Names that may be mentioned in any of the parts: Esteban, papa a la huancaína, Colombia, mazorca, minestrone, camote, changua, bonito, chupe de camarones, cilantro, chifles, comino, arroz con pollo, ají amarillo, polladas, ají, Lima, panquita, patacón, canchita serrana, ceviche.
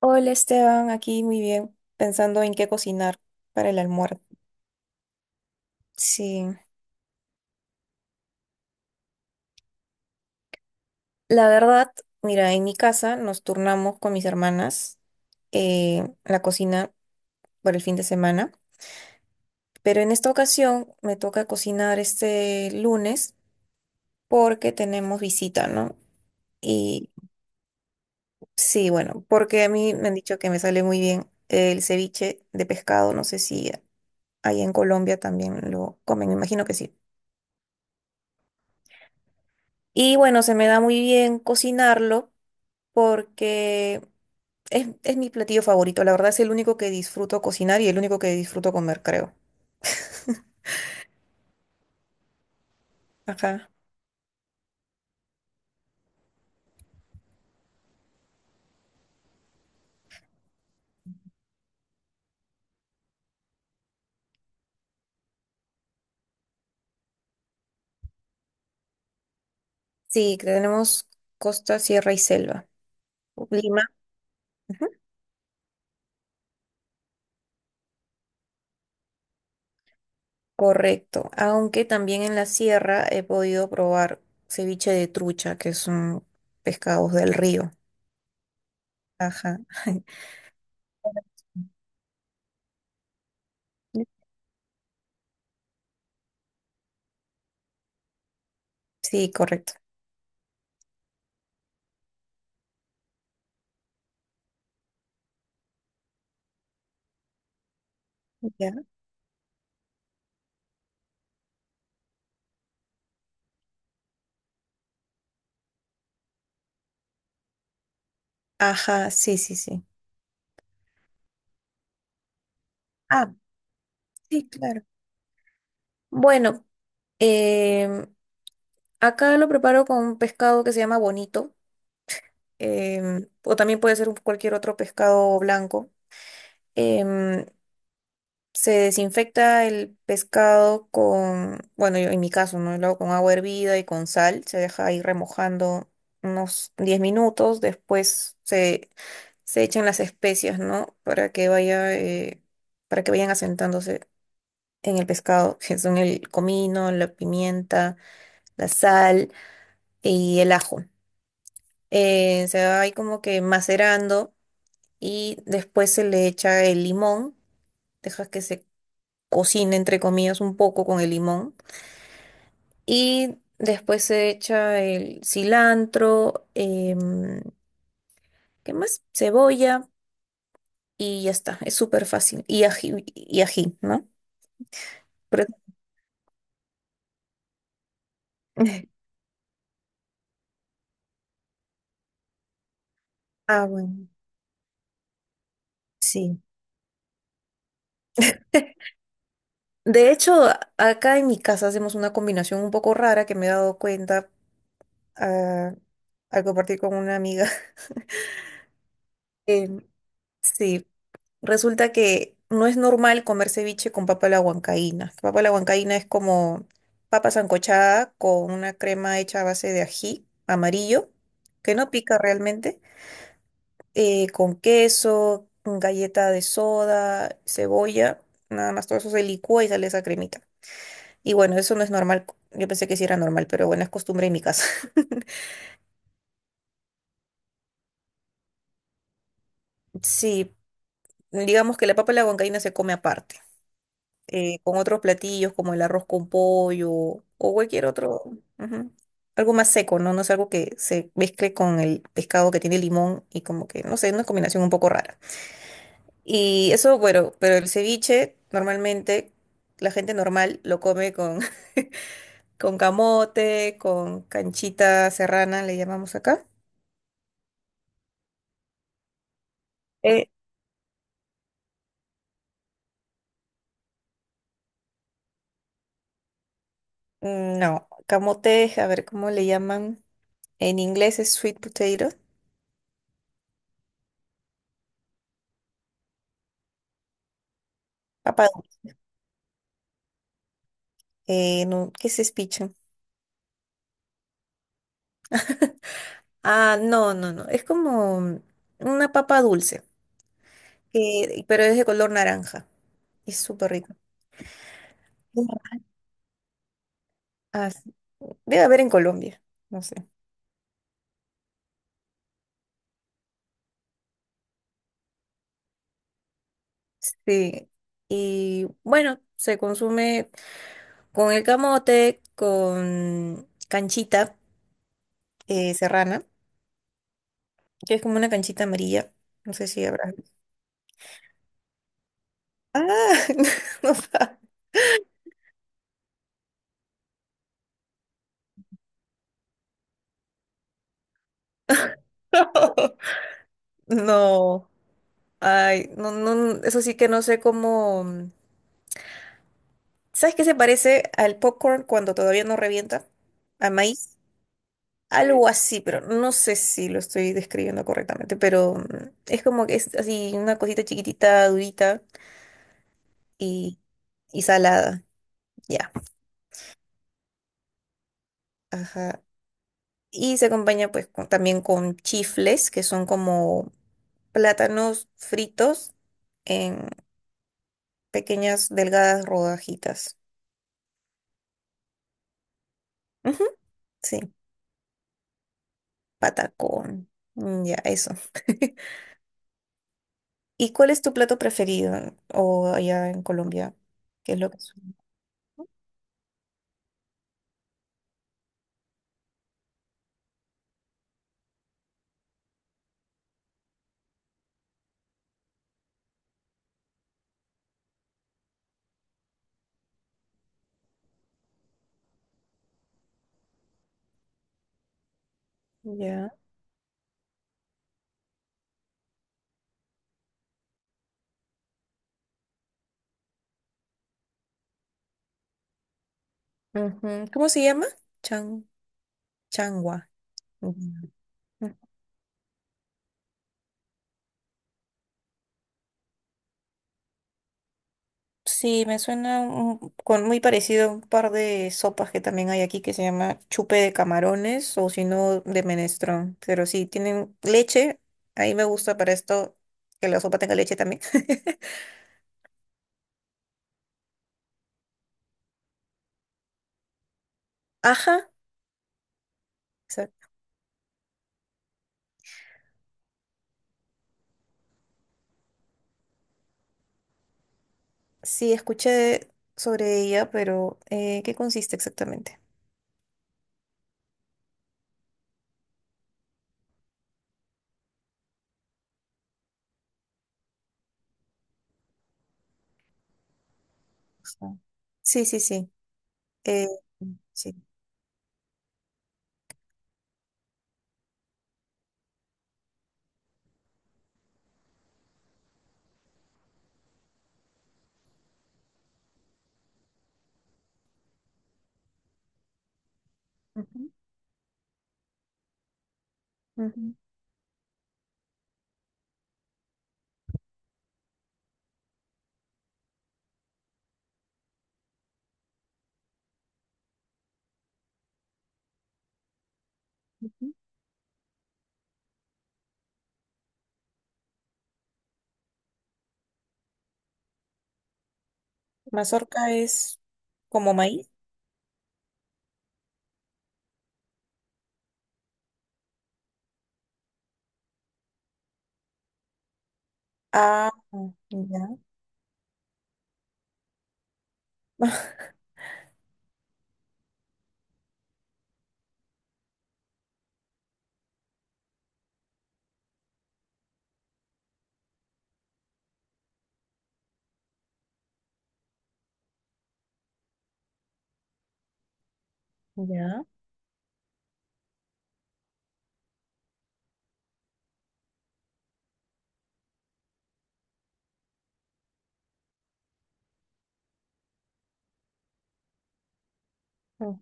Hola Esteban, aquí muy bien, pensando en qué cocinar para el almuerzo. Sí, la verdad, mira, en mi casa nos turnamos con mis hermanas la cocina por el fin de semana, pero en esta ocasión me toca cocinar este lunes porque tenemos visita, ¿no? Y sí, bueno, porque a mí me han dicho que me sale muy bien el ceviche de pescado, no sé si ahí en Colombia también lo comen, me imagino que sí. Y bueno, se me da muy bien cocinarlo porque es mi platillo favorito. La verdad es el único que disfruto cocinar y el único que disfruto comer, creo. Ajá. Sí, tenemos costa, sierra y selva. Lima. Ujú. Correcto. Aunque también en la sierra he podido probar ceviche de trucha, que son pescados del río. Ajá. Sí, correcto. Ya. Ajá, sí, sí, sí. Ah, sí, claro. Bueno, em, acá lo preparo con un pescado que se llama bonito, o también puede ser cualquier otro pescado blanco. Em, se desinfecta el pescado con, bueno, yo en mi caso, ¿no? Lo hago con agua hervida y con sal. Se deja ahí remojando unos 10 minutos. Después se, se echan las especias, ¿no? Para que vaya, para que vayan asentándose en el pescado, que son el comino, la pimienta, la sal y el ajo. Se va ahí como que macerando y después se le echa el limón, dejas que se cocine entre comillas un poco con el limón y después se echa el cilantro, ¿qué más? Cebolla y ya está, es súper fácil. Y ají, ¿no? Pero- ah, bueno, sí. De hecho, acá en mi casa hacemos una combinación un poco rara que me he dado cuenta a, a compartir con una amiga. Em, sí, resulta que no es normal comer ceviche con papa a la huancaína. Papa a la huancaína es como papa sancochada con una crema hecha a base de ají amarillo, que no pica realmente, con queso, galleta de soda, cebolla, nada más todo eso se licúa y sale esa cremita. Y bueno, eso no es normal. Yo pensé que sí era normal, pero bueno, es costumbre en mi casa. Sí, digamos que la papa a la huancaína se come aparte. Con otros platillos como el arroz con pollo o cualquier otro, ujú, algo más seco, ¿no? No es algo que se mezcle con el pescado que tiene limón y como que, no sé, una combinación un poco rara. Y eso, bueno, pero el ceviche normalmente la gente normal lo come con, con camote, con canchita serrana, le llamamos acá. Eh, no, camote, a ver cómo le llaman. En inglés es sweet potato. Papá, no, ¿qué es speech? Ah, no, no, no. Es como una papa dulce, pero es de color naranja. Es súper rico. Ah, sí. Debe haber en Colombia, no sé. Sí. Y bueno, se consume con el camote, con canchita serrana, que es como una canchita amarilla. No sé si habrá. Ah, no, sabe. no. Ay, no, no, eso sí que no sé cómo. ¿Sabes qué se parece al popcorn cuando todavía no revienta? ¿A maíz? Algo así, pero no sé si lo estoy describiendo correctamente, pero es como que es así una cosita chiquitita, durita y, y salada. Ya. Ajá. Y se acompaña pues también con chifles, que son como plátanos fritos en pequeñas delgadas rodajitas. Ujú. Sí, patacón. Mm. Ya, eso. ¿Y cuál es tu plato preferido? O allá en Colombia, ¿qué es lo que son? Ya. Ujú. ¿Cómo se llama? Chan, changua. Ujú. Ujú. Sí, me suena con muy parecido a un par de sopas que también hay aquí que se llama chupe de camarones o si no de menestrón. Pero sí, tienen leche. Ahí me gusta para esto que la sopa tenga leche también. Ajá. Exacto. Sí, escuché sobre ella, pero ¿qué consiste exactamente? Ajá. Sí, sí, sí. Eh, sí. Ujú, ujú, ujú. Mazorca es como maíz. Ah, ya. Ya. Mm.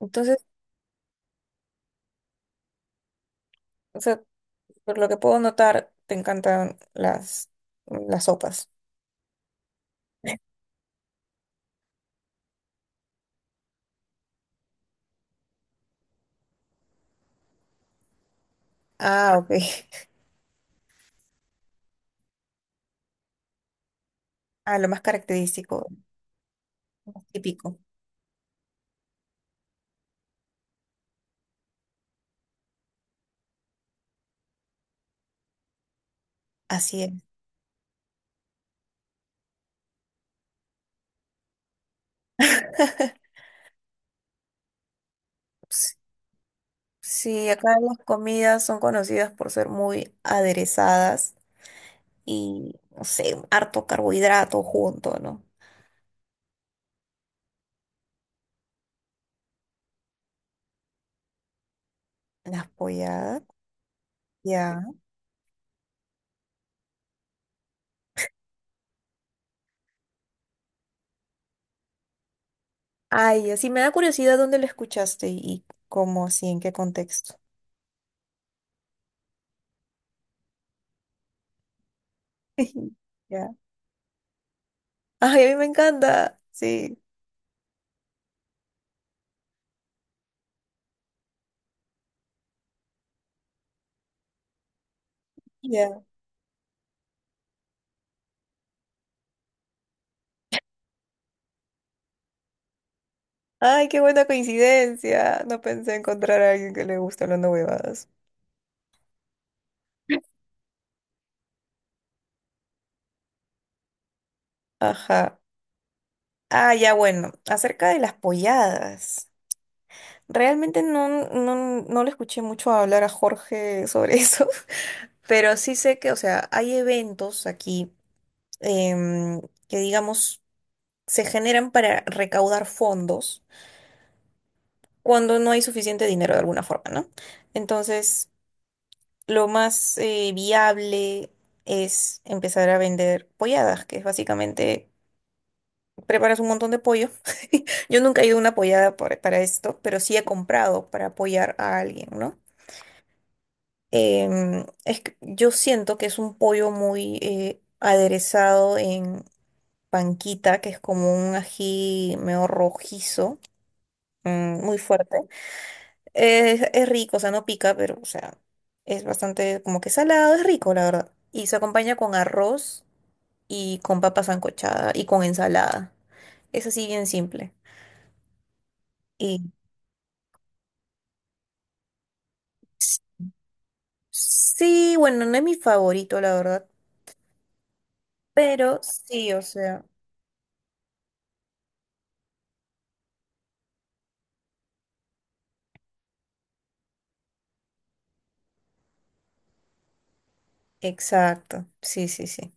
Entonces, o sea, por lo que puedo notar, te encantan las sopas. Ah, ok. Ah, lo más característico, lo más típico. Así es. Ps- Sí, acá las comidas son conocidas por ser muy aderezadas y, no sé, harto carbohidrato junto, ¿no? Las polladas. Ya. Ay, así me da curiosidad dónde lo escuchaste y cómo, así, en qué contexto. Ya. Ay, a mí me encanta. Sí, ya. Ay, qué buena coincidencia. No pensé encontrar a alguien que le guste hablando huevadas. Ajá. Ah, ya, bueno. Acerca de las polladas. Realmente no, no, no le escuché mucho hablar a Jorge sobre eso. Pero sí sé que, o sea, hay eventos aquí em, que, digamos, se generan para recaudar fondos cuando no hay suficiente dinero de alguna forma, ¿no? Entonces, lo más viable es empezar a vender polladas, que es básicamente preparas un montón de pollo. Yo nunca he ido a una pollada para esto, pero sí he comprado para apoyar a alguien, ¿no? Es que yo siento que es un pollo muy aderezado en panquita, que es como un ají medio rojizo, mm, muy fuerte. Es rico, o sea, no pica, pero, o sea, es bastante como que salado, es rico, la verdad. Y se acompaña con arroz y con papa sancochada y con ensalada. Es así bien simple. Y s- sí, bueno, no es mi favorito, la verdad, pero sí, o sea, exacto. Sí, sí, sí.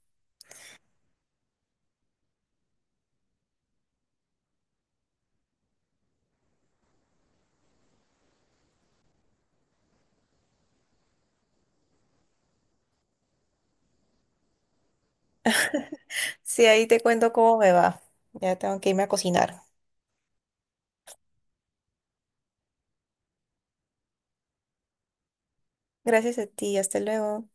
Sí, ahí te cuento cómo me va. Ya tengo que irme a cocinar. Gracias a ti, hasta luego.